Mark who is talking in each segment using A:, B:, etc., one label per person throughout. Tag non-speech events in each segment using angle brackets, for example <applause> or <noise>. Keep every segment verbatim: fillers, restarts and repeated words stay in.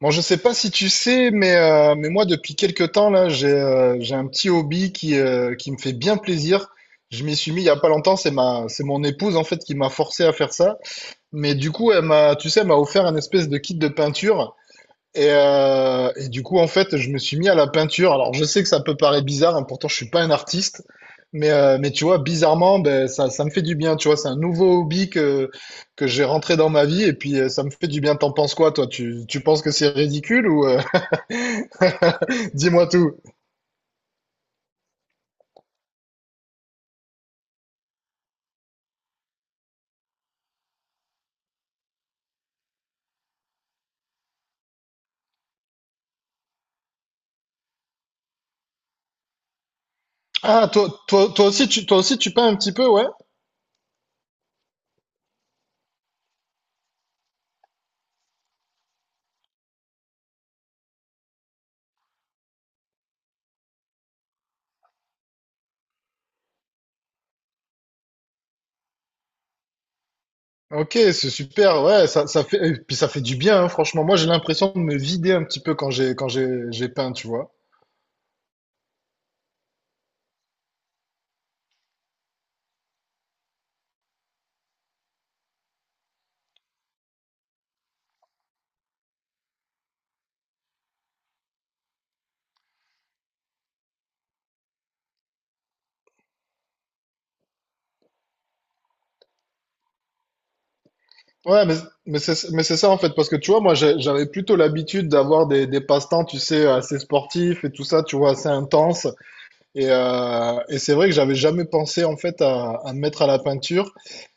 A: Bon, je sais pas si tu sais, mais, euh, mais moi, depuis quelques temps, là, j'ai euh, j'ai un petit hobby qui, euh, qui me fait bien plaisir. Je m'y suis mis il y a pas longtemps, c'est ma, c'est mon épouse, en fait, qui m'a forcé à faire ça. Mais du coup, elle m'a, tu sais, elle m'a offert un espèce de kit de peinture. Et, euh, et du coup, en fait, je me suis mis à la peinture. Alors, je sais que ça peut paraître bizarre, hein, pourtant, je suis pas un artiste. Mais, euh, mais tu vois, bizarrement, ben, ça, ça me fait du bien. Tu vois, c'est un nouveau hobby que, que j'ai rentré dans ma vie. Et puis, euh, ça me fait du bien. T'en penses quoi, toi? Tu, tu penses que c'est ridicule ou euh, <laughs> Dis-moi tout. Ah, toi, toi, toi aussi, tu, toi aussi, tu peins un petit peu, ouais? Ok, c'est super, ouais, ça, ça fait, et puis ça fait du bien, hein, franchement. Moi, j'ai l'impression de me vider un petit peu quand j'ai, quand j'ai, j'ai peint, tu vois. Ouais, mais, mais c'est mais c'est ça en fait, parce que tu vois, moi j'ai- j'avais plutôt l'habitude d'avoir des, des passe-temps, tu sais, assez sportifs et tout ça, tu vois, assez intenses. Et, euh, et c'est vrai que j'avais jamais pensé en fait à, à me mettre à la peinture.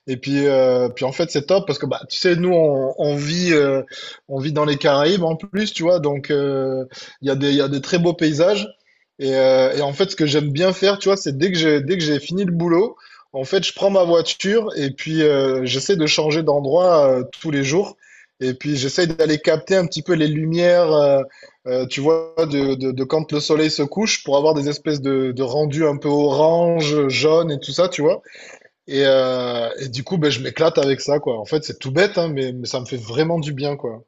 A: Et puis, euh, puis en fait c'est top parce que bah tu sais nous on, on vit euh, on vit dans les Caraïbes en plus tu vois donc euh, il y a des il y a des très beaux paysages et, euh, et en fait ce que j'aime bien faire tu vois c'est dès que j'ai dès que j'ai fini le boulot en fait je prends ma voiture et puis euh, j'essaie de changer d'endroit euh, tous les jours et puis j'essaie d'aller capter un petit peu les lumières euh, euh, tu vois, de, de, de quand le soleil se couche pour avoir des espèces de, de rendus un peu orange, jaune et tout ça, tu vois. Et, euh, et du coup, ben, je m'éclate avec ça, quoi. En fait, c'est tout bête, hein, mais, mais ça me fait vraiment du bien, quoi.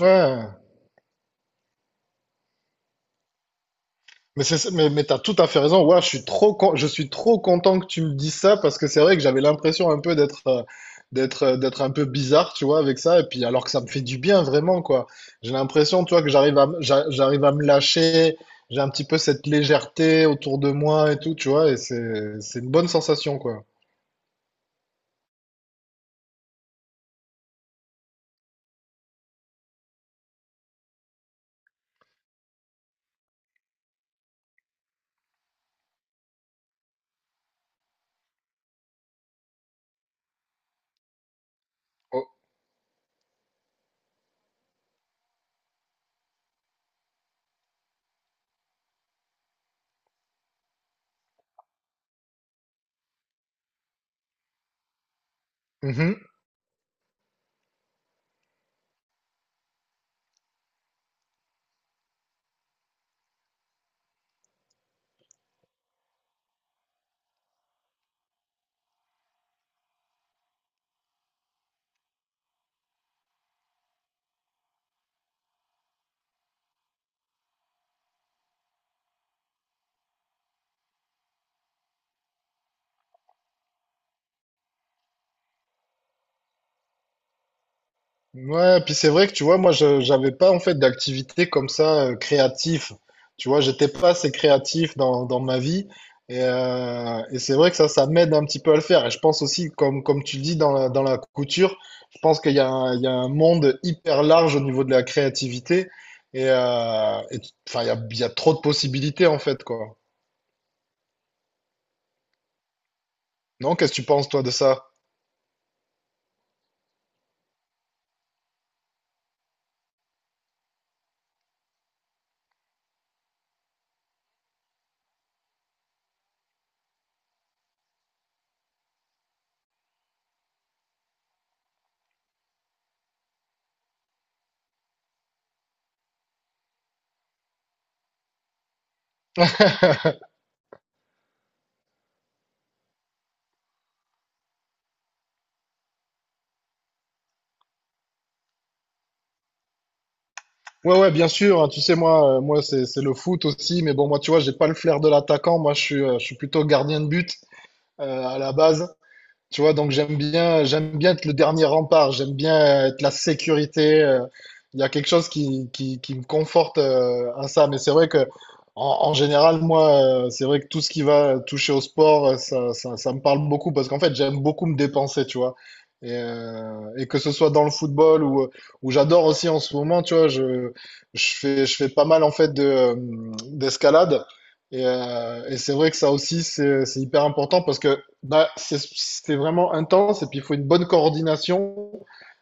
A: Ouais. Mais c'est, mais, mais t'as tout à fait raison. Ouais, je suis trop, con- je suis trop content que tu me dises ça parce que c'est vrai que j'avais l'impression un peu d'être, euh, d'être, euh, d'être un peu bizarre, tu vois, avec ça. Et puis alors que ça me fait du bien vraiment, quoi. J'ai l'impression, tu vois, que j'arrive à, m- j'a- j'arrive à me lâcher. J'ai un petit peu cette légèreté autour de moi et tout, tu vois. Et c'est, c'est une bonne sensation, quoi. Oh, mhm. Ouais, puis c'est vrai que tu vois, moi, je j'avais pas en fait d'activité comme ça euh, créatif. Tu vois, j'étais pas assez créatif dans, dans ma vie. Et, euh, et c'est vrai que ça, ça m'aide un petit peu à le faire. Et je pense aussi, comme, comme tu le dis dans la, dans la couture, je pense qu'il y a un, il y a un monde hyper large au niveau de la créativité. Et, euh, et tu- enfin, il y a, il y a trop de possibilités en fait, quoi. Non, qu'est-ce que tu penses, toi, de ça? Ouais, ouais, bien sûr. Hein, tu sais, moi, euh, moi, c'est, c'est le foot aussi. Mais bon, moi, tu vois, j'ai pas le flair de l'attaquant. Moi, je suis, euh, je suis plutôt gardien de but. euh, à la base. Tu vois, donc j'aime bien, j'aime bien être le dernier rempart, j'aime bien être la sécurité. euh, Il y a quelque chose qui, qui, qui me conforte euh, à ça. Mais c'est vrai que, en, en général, moi, euh, c'est vrai que tout ce qui va toucher au sport, euh, ça, ça, ça me parle beaucoup parce qu'en fait, j'aime beaucoup me dépenser, tu vois. Et, euh, et que ce soit dans le football ou, ou j'adore aussi en ce moment, tu vois, je, je fais, je fais pas mal en fait de, euh, d'escalade. Et, euh, et c'est vrai que ça aussi, c'est, c'est hyper important parce que bah, c'est c'est vraiment intense et puis il faut une bonne coordination,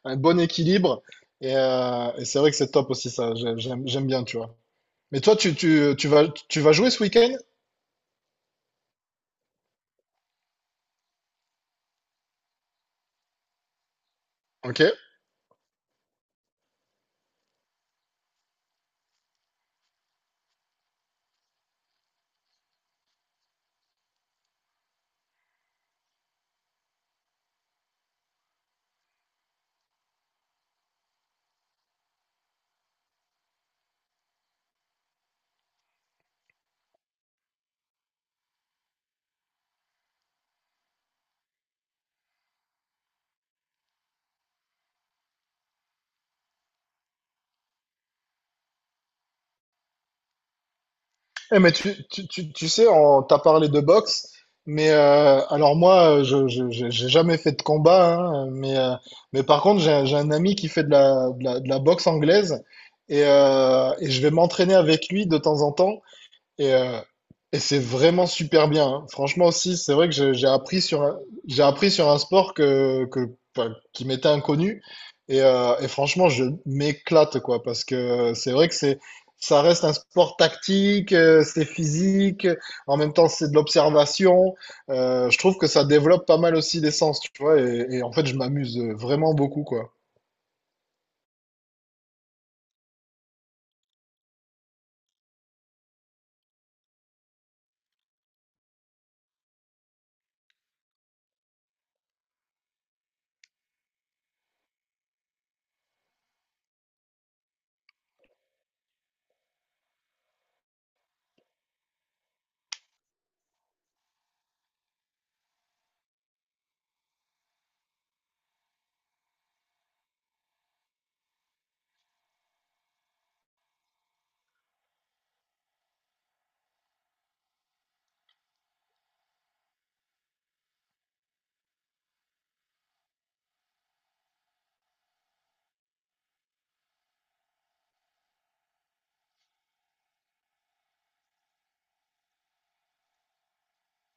A: un bon équilibre. Et, euh, et c'est vrai que c'est top aussi, ça. J'ai- J'aime, j'aime bien, tu vois. Mais toi, tu, tu, tu vas, tu vas jouer ce week-end? Ok. Eh, mais tu, tu, tu, tu sais, on t'a parlé de boxe, mais euh, alors moi, je, je, je- j'ai jamais fait de combat, hein, mais, euh, mais par contre, j'ai, un- j'ai un ami qui fait de la, de la, de la boxe anglaise et, euh, et je vais m'entraîner avec lui de temps en temps. Et, euh, et c'est vraiment super bien, hein. Franchement aussi, c'est vrai que j'ai j'ai appris sur un, j'ai appris sur un sport que, que, pas- qui m'était inconnu. Et, euh, et franchement, je m'éclate, quoi, parce que c'est vrai que c'est, ça reste un sport tactique, euh, c'est physique, en même temps, c'est de l'observation. Euh, je trouve que ça développe pas mal aussi des sens, tu vois, et, et en fait, je m'amuse vraiment beaucoup, quoi.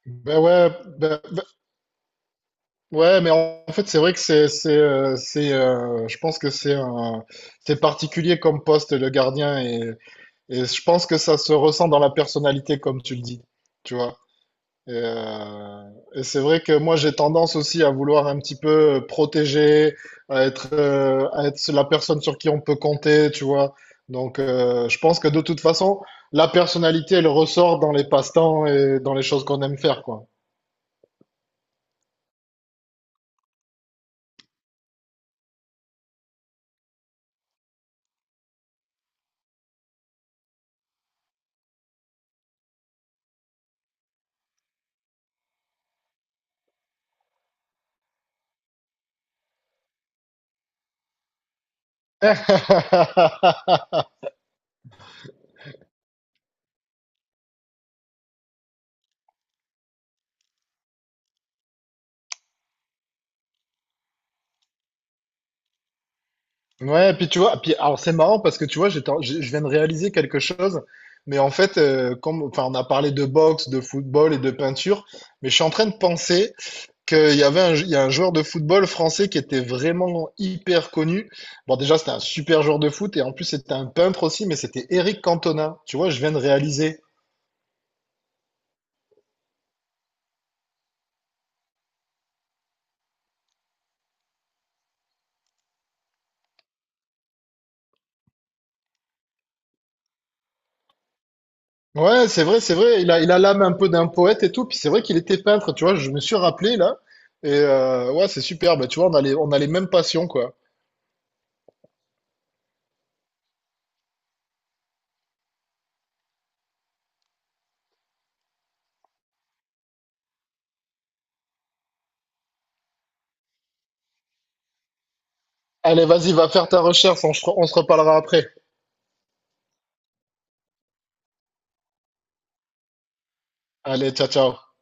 A: Ben ouais, ben, ouais, mais en en fait, c'est vrai que c'est, c'est, euh, c'est, euh, je pense que c'est un, c'est particulier comme poste le gardien et, et je pense que ça se ressent dans la personnalité comme tu le dis, tu vois. Et, euh, et c'est vrai que moi j'ai tendance aussi à vouloir un petit peu euh, protéger, à être, euh, à être la personne sur qui on peut compter, tu vois. Donc, euh, je pense que de toute façon, la personnalité elle ressort dans les passe-temps et dans les choses qu'on aime faire, quoi. <laughs> Ouais, puis tu vois, puis alors c'est marrant parce que tu vois, j'étais en- je je viens de réaliser quelque chose, mais en fait, euh, comme, enfin, on a parlé de boxe, de football et de peinture, mais je suis en train de penser qu'il y avait un, il y a un joueur de football français qui était vraiment hyper connu. Bon, déjà, c'était un super joueur de foot et en plus, c'était un peintre aussi, mais c'était Eric Cantona. Tu vois, je viens de réaliser. Ouais, c'est vrai, c'est vrai. Il a, il a l'âme un peu d'un poète et tout. Puis c'est vrai qu'il était peintre, tu vois. Je me suis rappelé là. Et euh, ouais, c'est super. Bah, tu vois, on a les, on a les mêmes passions, quoi. Allez, vas-y, va faire ta recherche. On, se- on se reparlera après. Allez, ciao, ciao.